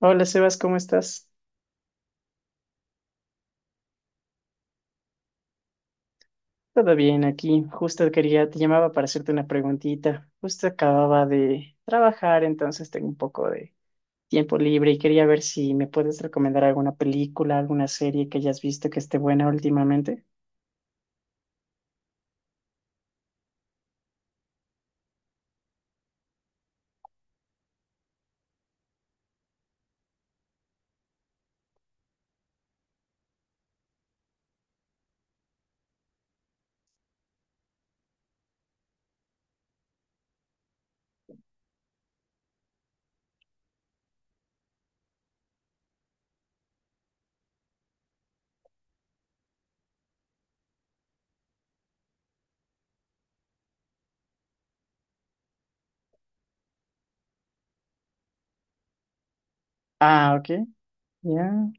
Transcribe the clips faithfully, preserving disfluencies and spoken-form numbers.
Hola, Sebas, ¿cómo estás? Todo bien aquí. Justo quería, te llamaba para hacerte una preguntita. Justo acababa de trabajar, entonces tengo un poco de tiempo libre y quería ver si me puedes recomendar alguna película, alguna serie que hayas visto que esté buena últimamente. Ah, ok. Ya.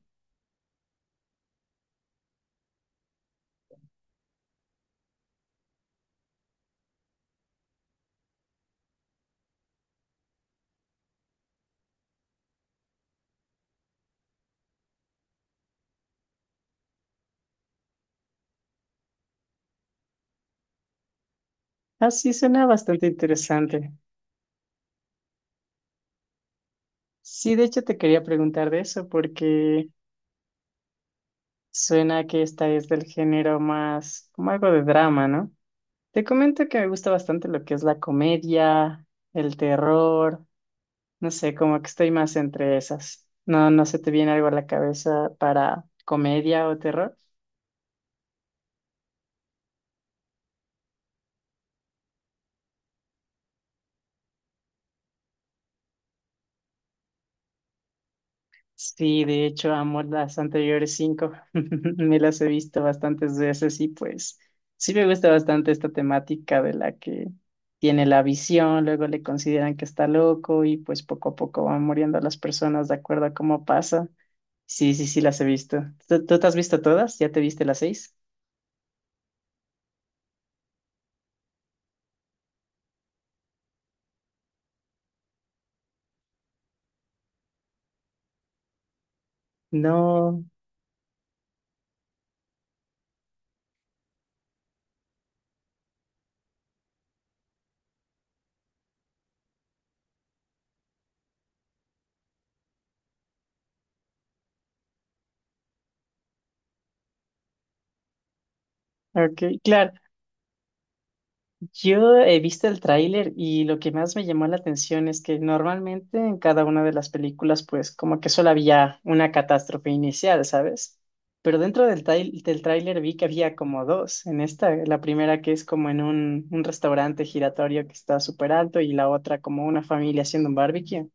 Ah, sí, suena bastante interesante. Sí, de hecho te quería preguntar de eso porque suena que esta es del género más como algo de drama, ¿no? Te comento que me gusta bastante lo que es la comedia, el terror, no sé, como que estoy más entre esas. No, no se te viene algo a la cabeza para comedia o terror. Sí, de hecho, amo las anteriores cinco. Me las he visto bastantes veces y pues sí me gusta bastante esta temática de la que tiene la visión, luego le consideran que está loco y pues poco a poco van muriendo las personas de acuerdo a cómo pasa. Sí, sí, sí, las he visto. ¿Tú, tú te has visto todas? ¿Ya te viste las seis? No. Ok, claro. Yo he visto el tráiler y lo que más me llamó la atención es que normalmente en cada una de las películas, pues como que solo había una catástrofe inicial, ¿sabes? Pero dentro del, trai- del tráiler vi que había como dos. En esta, la primera que es como en un, un restaurante giratorio que está súper alto y la otra como una familia haciendo un barbecue.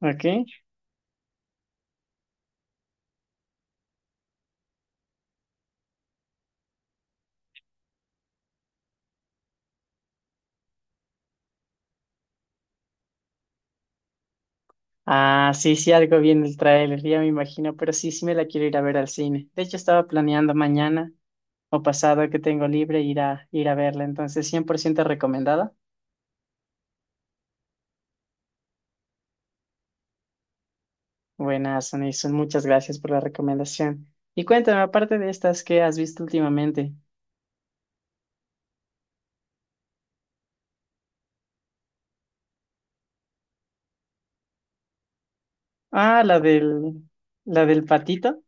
Ok. Ah, sí, sí, algo bien el tráiler, ya me imagino, pero sí, sí me la quiero ir a ver al cine. De hecho, estaba planeando mañana o pasado que tengo libre ir a, ir a verla, entonces cien por ciento recomendada. Buenas, Anison, muchas gracias por la recomendación. Y cuéntame, aparte de estas, ¿qué has visto últimamente? Ah, la del, la del patito.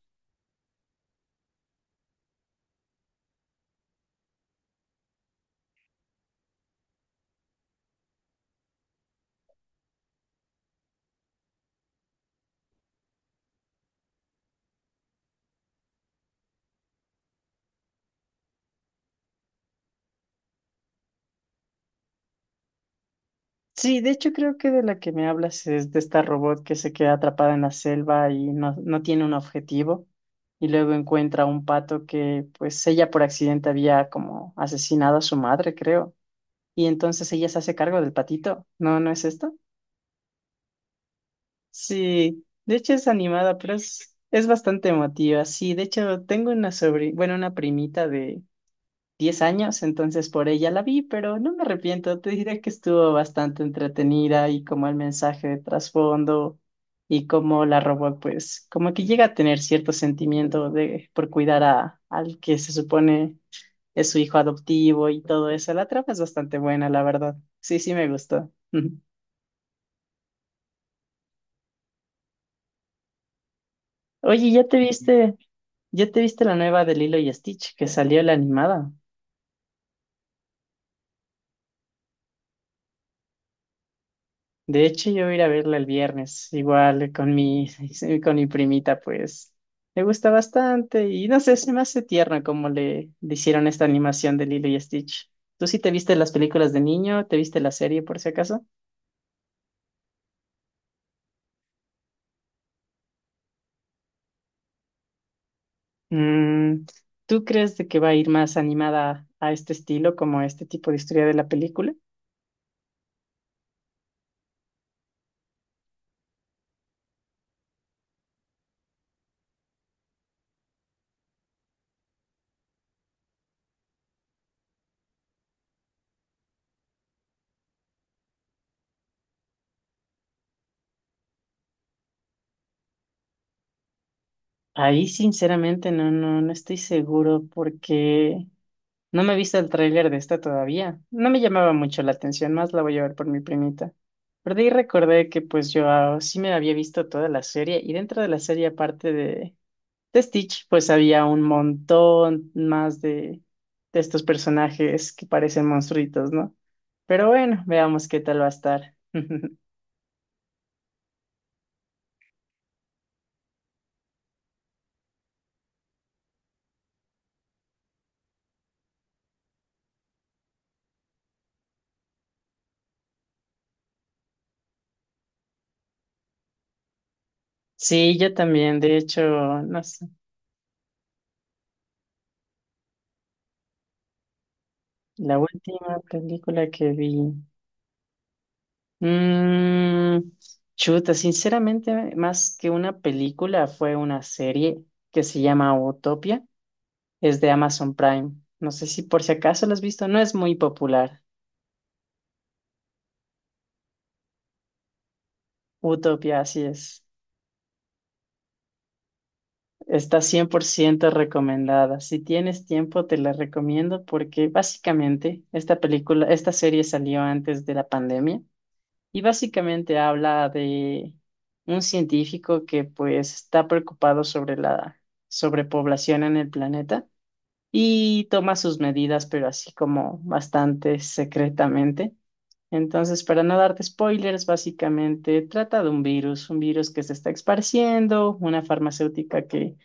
Sí, de hecho creo que de la que me hablas es de esta robot que se queda atrapada en la selva y no, no tiene un objetivo y luego encuentra un pato que pues ella por accidente había como asesinado a su madre, creo. Y entonces ella se hace cargo del patito. ¿No, no es esto? Sí, de hecho es animada, pero es, es bastante emotiva. Sí, de hecho tengo una sobrina, bueno, una primita diez años, entonces por ella la vi, pero no me arrepiento, te diré que estuvo bastante entretenida y como el mensaje de trasfondo y como la robot, pues como que llega a tener cierto sentimiento de por cuidar a al que se supone es su hijo adoptivo y todo eso. La trama es bastante buena, la verdad. Sí, sí me gustó. Oye, ¿ya te viste, ya te viste la nueva de Lilo y Stitch que salió la animada? De hecho, yo voy a ir a verla el viernes, igual con mi, con mi primita, pues le gusta bastante y no sé, se me hace tierno como le, le hicieron esta animación de Lilo y Stitch. ¿Tú sí te viste las películas de niño? ¿Te viste la serie por si acaso? Mm, ¿tú crees de que va a ir más animada a este estilo, como a este tipo de historia de la película? Ahí sinceramente no, no, no estoy seguro porque no me he visto el tráiler de esta todavía. No me llamaba mucho la atención, más la voy a ver por mi primita. Pero de ahí recordé que pues yo ah, sí me había visto toda la serie y dentro de la serie aparte de, de Stitch pues había un montón más de, de estos personajes que parecen monstruitos, ¿no? Pero bueno, veamos qué tal va a estar. Sí, yo también. De hecho, no sé, la última película que vi. Mm, chuta, sinceramente, más que una película, fue una serie que se llama Utopia. Es de Amazon Prime. No sé si por si acaso la has visto, no es muy popular. Utopia, así es. Está cien por ciento recomendada. Si tienes tiempo, te la recomiendo porque básicamente esta película, esta serie salió antes de la pandemia. Y básicamente habla de un científico que pues está preocupado sobre la sobrepoblación en el planeta y toma sus medidas, pero así como bastante secretamente. Entonces, para no darte spoilers, básicamente trata de un virus, un virus que se está esparciendo, una farmacéutica que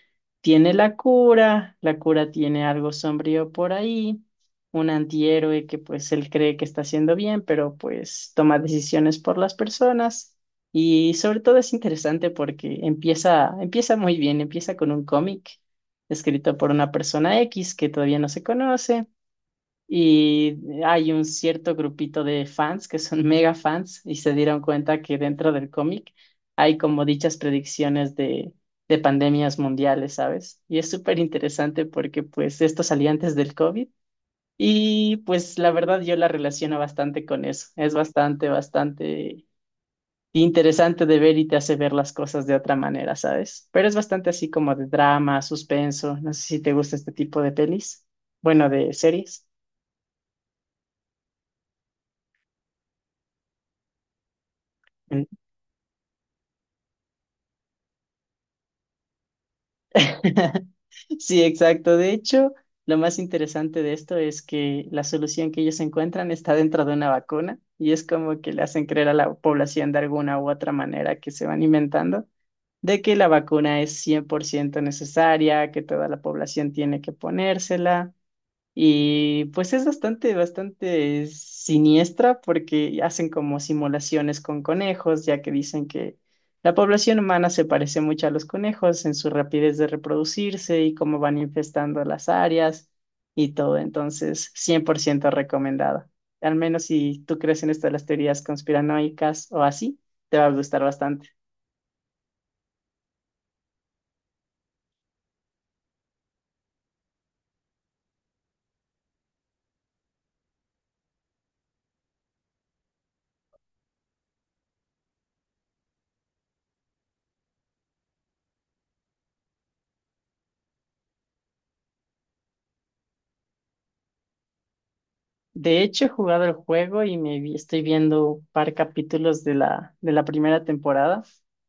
tiene la cura, la cura tiene algo sombrío por ahí, un antihéroe que pues él cree que está haciendo bien, pero pues toma decisiones por las personas y sobre todo es interesante porque empieza, empieza muy bien, empieza con un cómic escrito por una persona X que todavía no se conoce. Y hay un cierto grupito de fans que son mega fans y se dieron cuenta que dentro del cómic hay como dichas predicciones de, de pandemias mundiales, ¿sabes? Y es súper interesante porque pues esto salía antes del COVID y pues la verdad yo la relaciono bastante con eso. Es bastante, bastante interesante de ver y te hace ver las cosas de otra manera, ¿sabes? Pero es bastante así como de drama, suspenso. No sé si te gusta este tipo de pelis, bueno, de series. Sí, exacto. De hecho, lo más interesante de esto es que la solución que ellos encuentran está dentro de una vacuna y es como que le hacen creer a la población de alguna u otra manera que se van inventando de que la vacuna es cien por ciento necesaria, que toda la población tiene que ponérsela y pues es bastante, bastante siniestra porque hacen como simulaciones con conejos, ya que dicen que la población humana se parece mucho a los conejos en su rapidez de reproducirse y cómo van infestando las áreas y todo. Entonces, cien por ciento recomendada. Al menos si tú crees en esto de las teorías conspiranoicas o así, te va a gustar bastante. De hecho, he jugado el juego y me vi- estoy viendo un par capítulos de la, de la primera temporada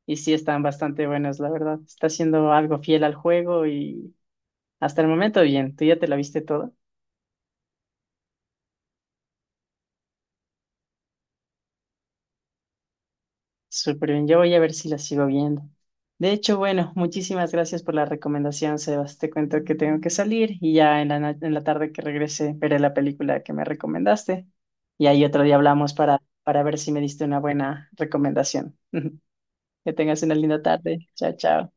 y sí están bastante buenos, la verdad. Está siendo algo fiel al juego y hasta el momento bien. ¿Tú ya te la viste toda? Súper bien. Yo voy a ver si la sigo viendo. De hecho, bueno, muchísimas gracias por la recomendación, Sebas. Te cuento que tengo que salir y ya en la, na- en la tarde que regrese veré la película que me recomendaste y ahí otro día hablamos para, para ver si me diste una buena recomendación. Que tengas una linda tarde. Chao, chao.